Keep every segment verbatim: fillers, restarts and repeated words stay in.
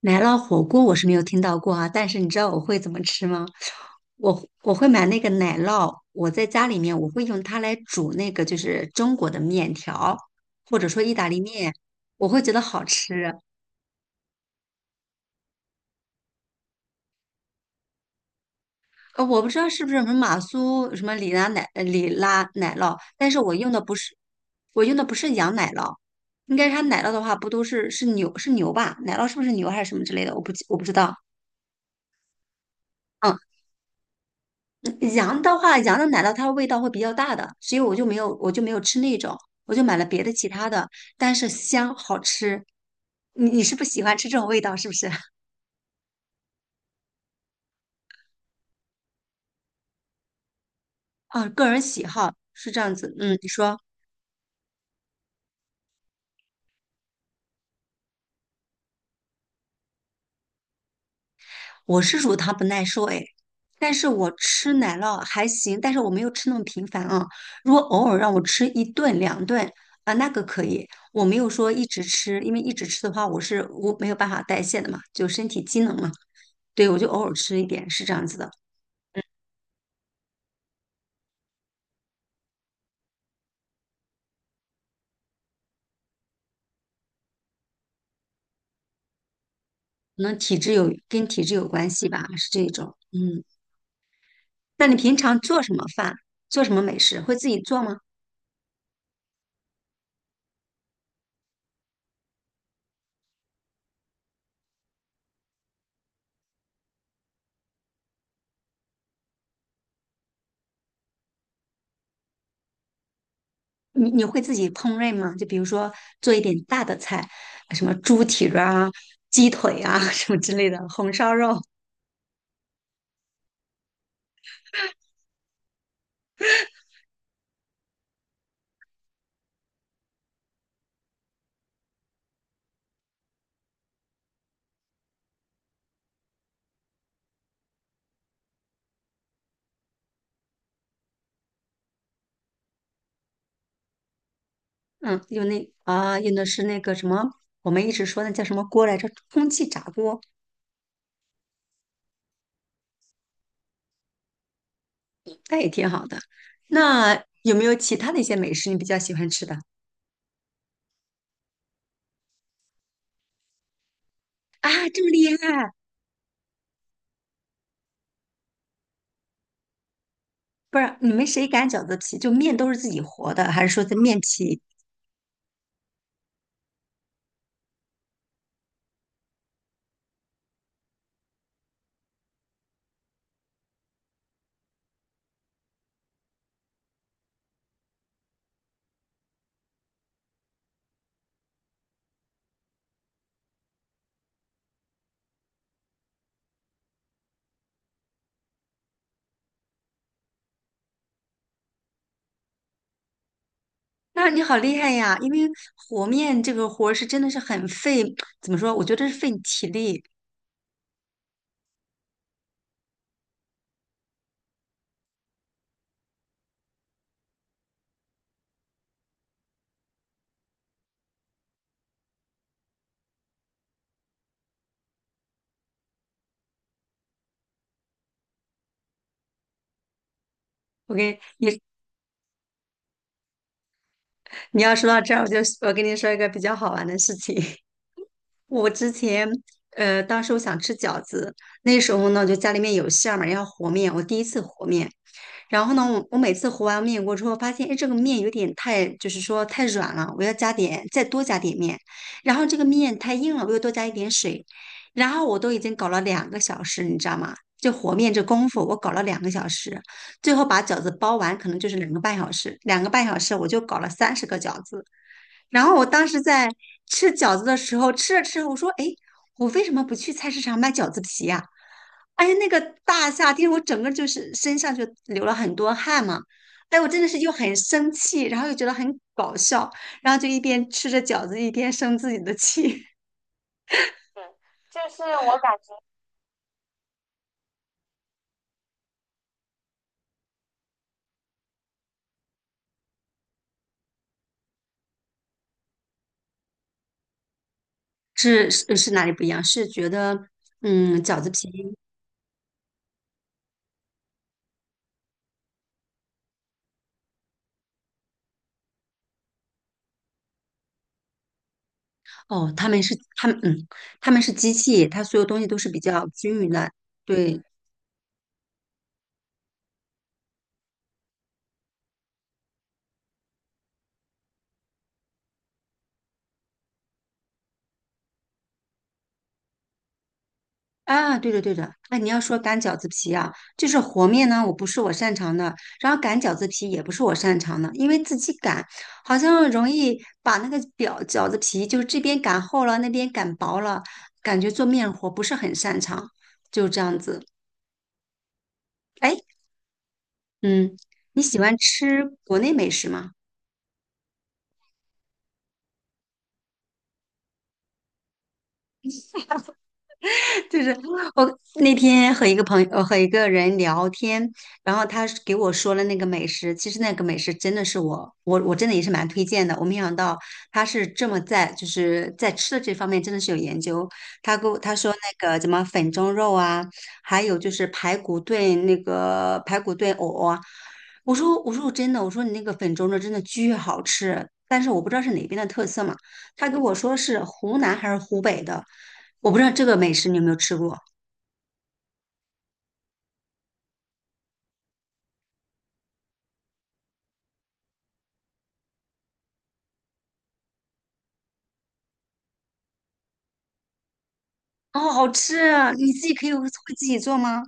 奶酪火锅我是没有听到过啊，但是你知道我会怎么吃吗？我我会买那个奶酪，我在家里面我会用它来煮那个就是中国的面条，或者说意大利面，我会觉得好吃。呃，我不知道是不是什么马苏什么里拉奶呃里拉奶酪，但是我用的不是我用的不是羊奶酪，应该是它奶酪的话不都是是牛是牛吧？奶酪是不是牛还是什么之类的？我不记我不知道。嗯。羊的话，羊的奶酪它的味道会比较大的，所以我就没有，我就没有吃那种，我就买了别的其他的，但是香好吃。你你是不喜欢吃这种味道是不是？啊，个人喜好是这样子。嗯，你说我是乳糖不耐受哎，但是我吃奶酪还行，但是我没有吃那么频繁啊。如果偶尔让我吃一顿两顿啊，那个可以，我没有说一直吃，因为一直吃的话，我是我没有办法代谢的嘛，就身体机能嘛。对，我就偶尔吃一点，是这样子的。可能体质有跟体质有关系吧，是这种。嗯，那你平常做什么饭？做什么美食？会自己做吗？你你会自己烹饪吗？就比如说做一点大的菜，什么猪蹄儿啊、鸡腿啊 什么之类的，红烧肉。嗯，用那啊，用的是那个什么，我们一直说那叫什么锅来着？空气炸锅，那也挺好的。那有没有其他的一些美食你比较喜欢吃的啊？这么厉害！不是，你们谁擀饺子皮？就面都是自己和的，还是说在面皮？那你好厉害呀！因为和面这个活儿是真的是很费，怎么说？我觉得是费你体力。我给你，你要说到这儿，我就我跟你说一个比较好玩的事情。我之前，呃，当时我想吃饺子，那时候呢，就家里面有馅儿嘛，要和面。我第一次和面，然后呢，我我每次和完面锅之后，发现哎，这个面有点太，就是说太软了，我要加点，再多加点面。然后这个面太硬了，我又多加一点水。然后我都已经搞了两个小时，你知道吗？就和面这功夫，我搞了两个小时，最后把饺子包完，可能就是两个半小时。两个半小时我就搞了三十个饺子。然后我当时在吃饺子的时候，吃着吃着，我说："哎，我为什么不去菜市场买饺子皮呀、哎呀，那个大夏天，我整个就是身上就流了很多汗嘛。哎，我真的是又很生气，然后又觉得很搞笑，然后就一边吃着饺子一边生自己的气。是，就是我感是是是哪里不一样？是觉得嗯，饺子皮哦，他们是他们嗯，他们是机器，它所有东西都是比较均匀的，对，啊，对的对的，哎，你要说擀饺子皮啊，就是和面呢，我不是我擅长的，然后擀饺子皮也不是我擅长的，因为自己擀好像容易把那个表饺子皮就是这边擀厚了，那边擀薄了，感觉做面活不是很擅长，就这样子。哎，嗯，你喜欢吃国内美食吗？就是我那天和一个朋友呃和一个人聊天，然后他是给我说了那个美食，其实那个美食真的是我我我真的也是蛮推荐的。我没想到他是这么在就是在吃的这方面真的是有研究。他给我他说那个什么粉蒸肉啊，还有就是排骨炖那个排骨炖藕啊。我说我说我真的我说你那个粉蒸肉真的巨好吃，但是我不知道是哪边的特色嘛。他跟我说是湖南还是湖北的。我不知道这个美食你有没有吃过？哦，好吃啊！你自己可以会自己做吗？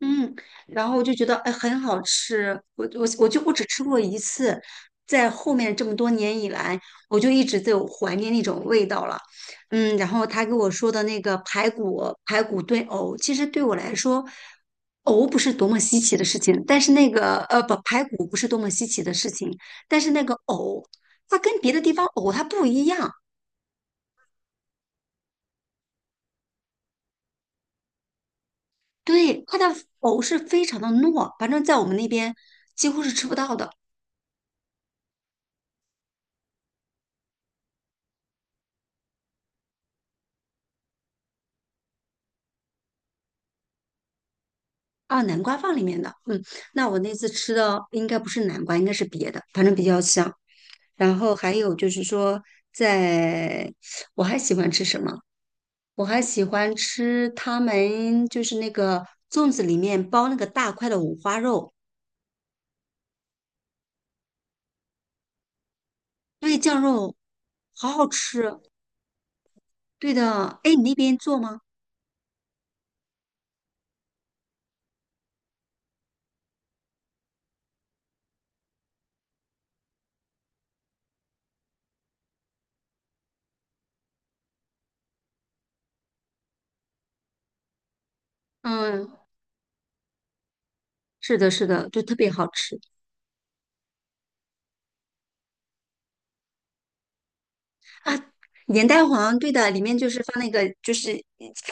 嗯，然后我就觉得哎很好吃，我我我就我只吃过一次，在后面这么多年以来，我就一直在有怀念那种味道了。嗯，然后他给我说的那个排骨排骨炖藕，其实对我来说，藕不是多么稀奇的事情，但是那个呃不排骨不是多么稀奇的事情，但是那个藕它跟别的地方藕它不一样，对，它的藕是非常的糯，反正在我们那边几乎是吃不到的啊。南瓜放里面的，嗯，那我那次吃的应该不是南瓜，应该是别的，反正比较香。然后还有就是说在，我还喜欢吃什么？我还喜欢吃他们就是那个粽子里面包那个大块的五花肉，对，酱肉好好吃。对的，哎，你那边做吗？嗯，是的，是的，就特别好吃。盐蛋黄，对的，里面就是放那个，就是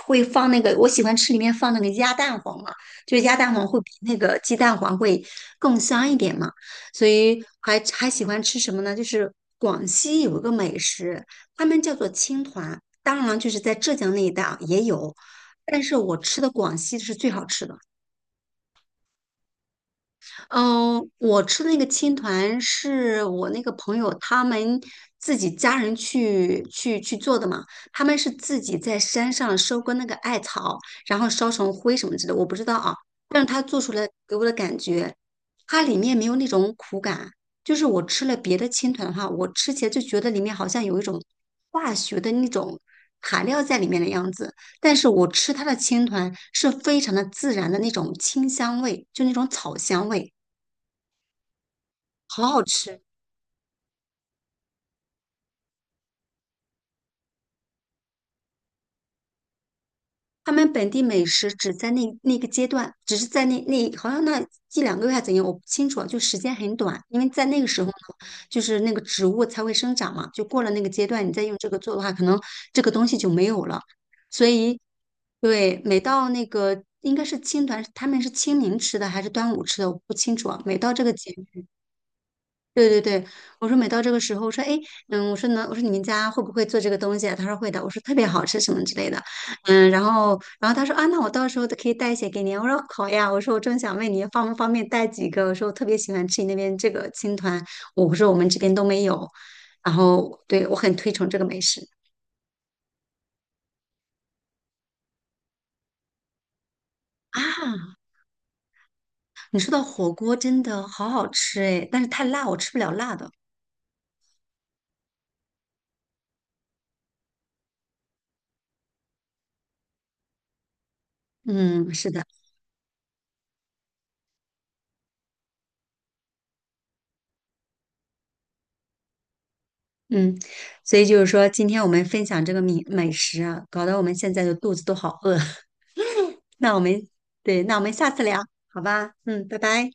会放那个，我喜欢吃里面放那个鸭蛋黄嘛，就是鸭蛋黄会比那个鸡蛋黄会更香一点嘛，所以还还喜欢吃什么呢？就是广西有一个美食，他们叫做青团，当然了就是在浙江那一带啊也有，但是我吃的广西是最好吃的。嗯，我吃的那个青团是我那个朋友他们自己家人去去去做的嘛，他们是自己在山上收割那个艾草，然后烧成灰什么之类的，我不知道啊，但是他做出来给我的感觉，它里面没有那种苦感，就是我吃了别的青团的话，我吃起来就觉得里面好像有一种化学的那种材料在里面的样子。但是我吃它的青团是非常的自然的那种清香味，就那种草香味。好好吃。他们本地美食只在那那个阶段，只是在那那好像那一两个月还怎样，我不清楚啊，就时间很短，因为在那个时候呢，就是那个植物才会生长嘛，就过了那个阶段，你再用这个做的话，可能这个东西就没有了。所以，对，每到那个应该是青团，他们是清明吃的还是端午吃的，我不清楚啊。每到这个节对对对，我说每到这个时候，我说哎，诶嗯，我说呢，我说你们家会不会做这个东西啊？他说会的，我说特别好吃什么之类的，嗯，然后然后他说啊，那我到时候都可以带一些给你啊我说好呀，我说我正想问你方不方便带几个，我说我特别喜欢吃你那边这个青团，我说我们这边都没有，然后对我很推崇这个美食啊。你说到火锅真的好好吃哎，但是太辣，我吃不了辣的。嗯，是的。嗯，所以就是说，今天我们分享这个米美食啊，搞得我们现在的肚子都好饿。那我们，对，那我们下次聊，好吧？嗯，拜拜。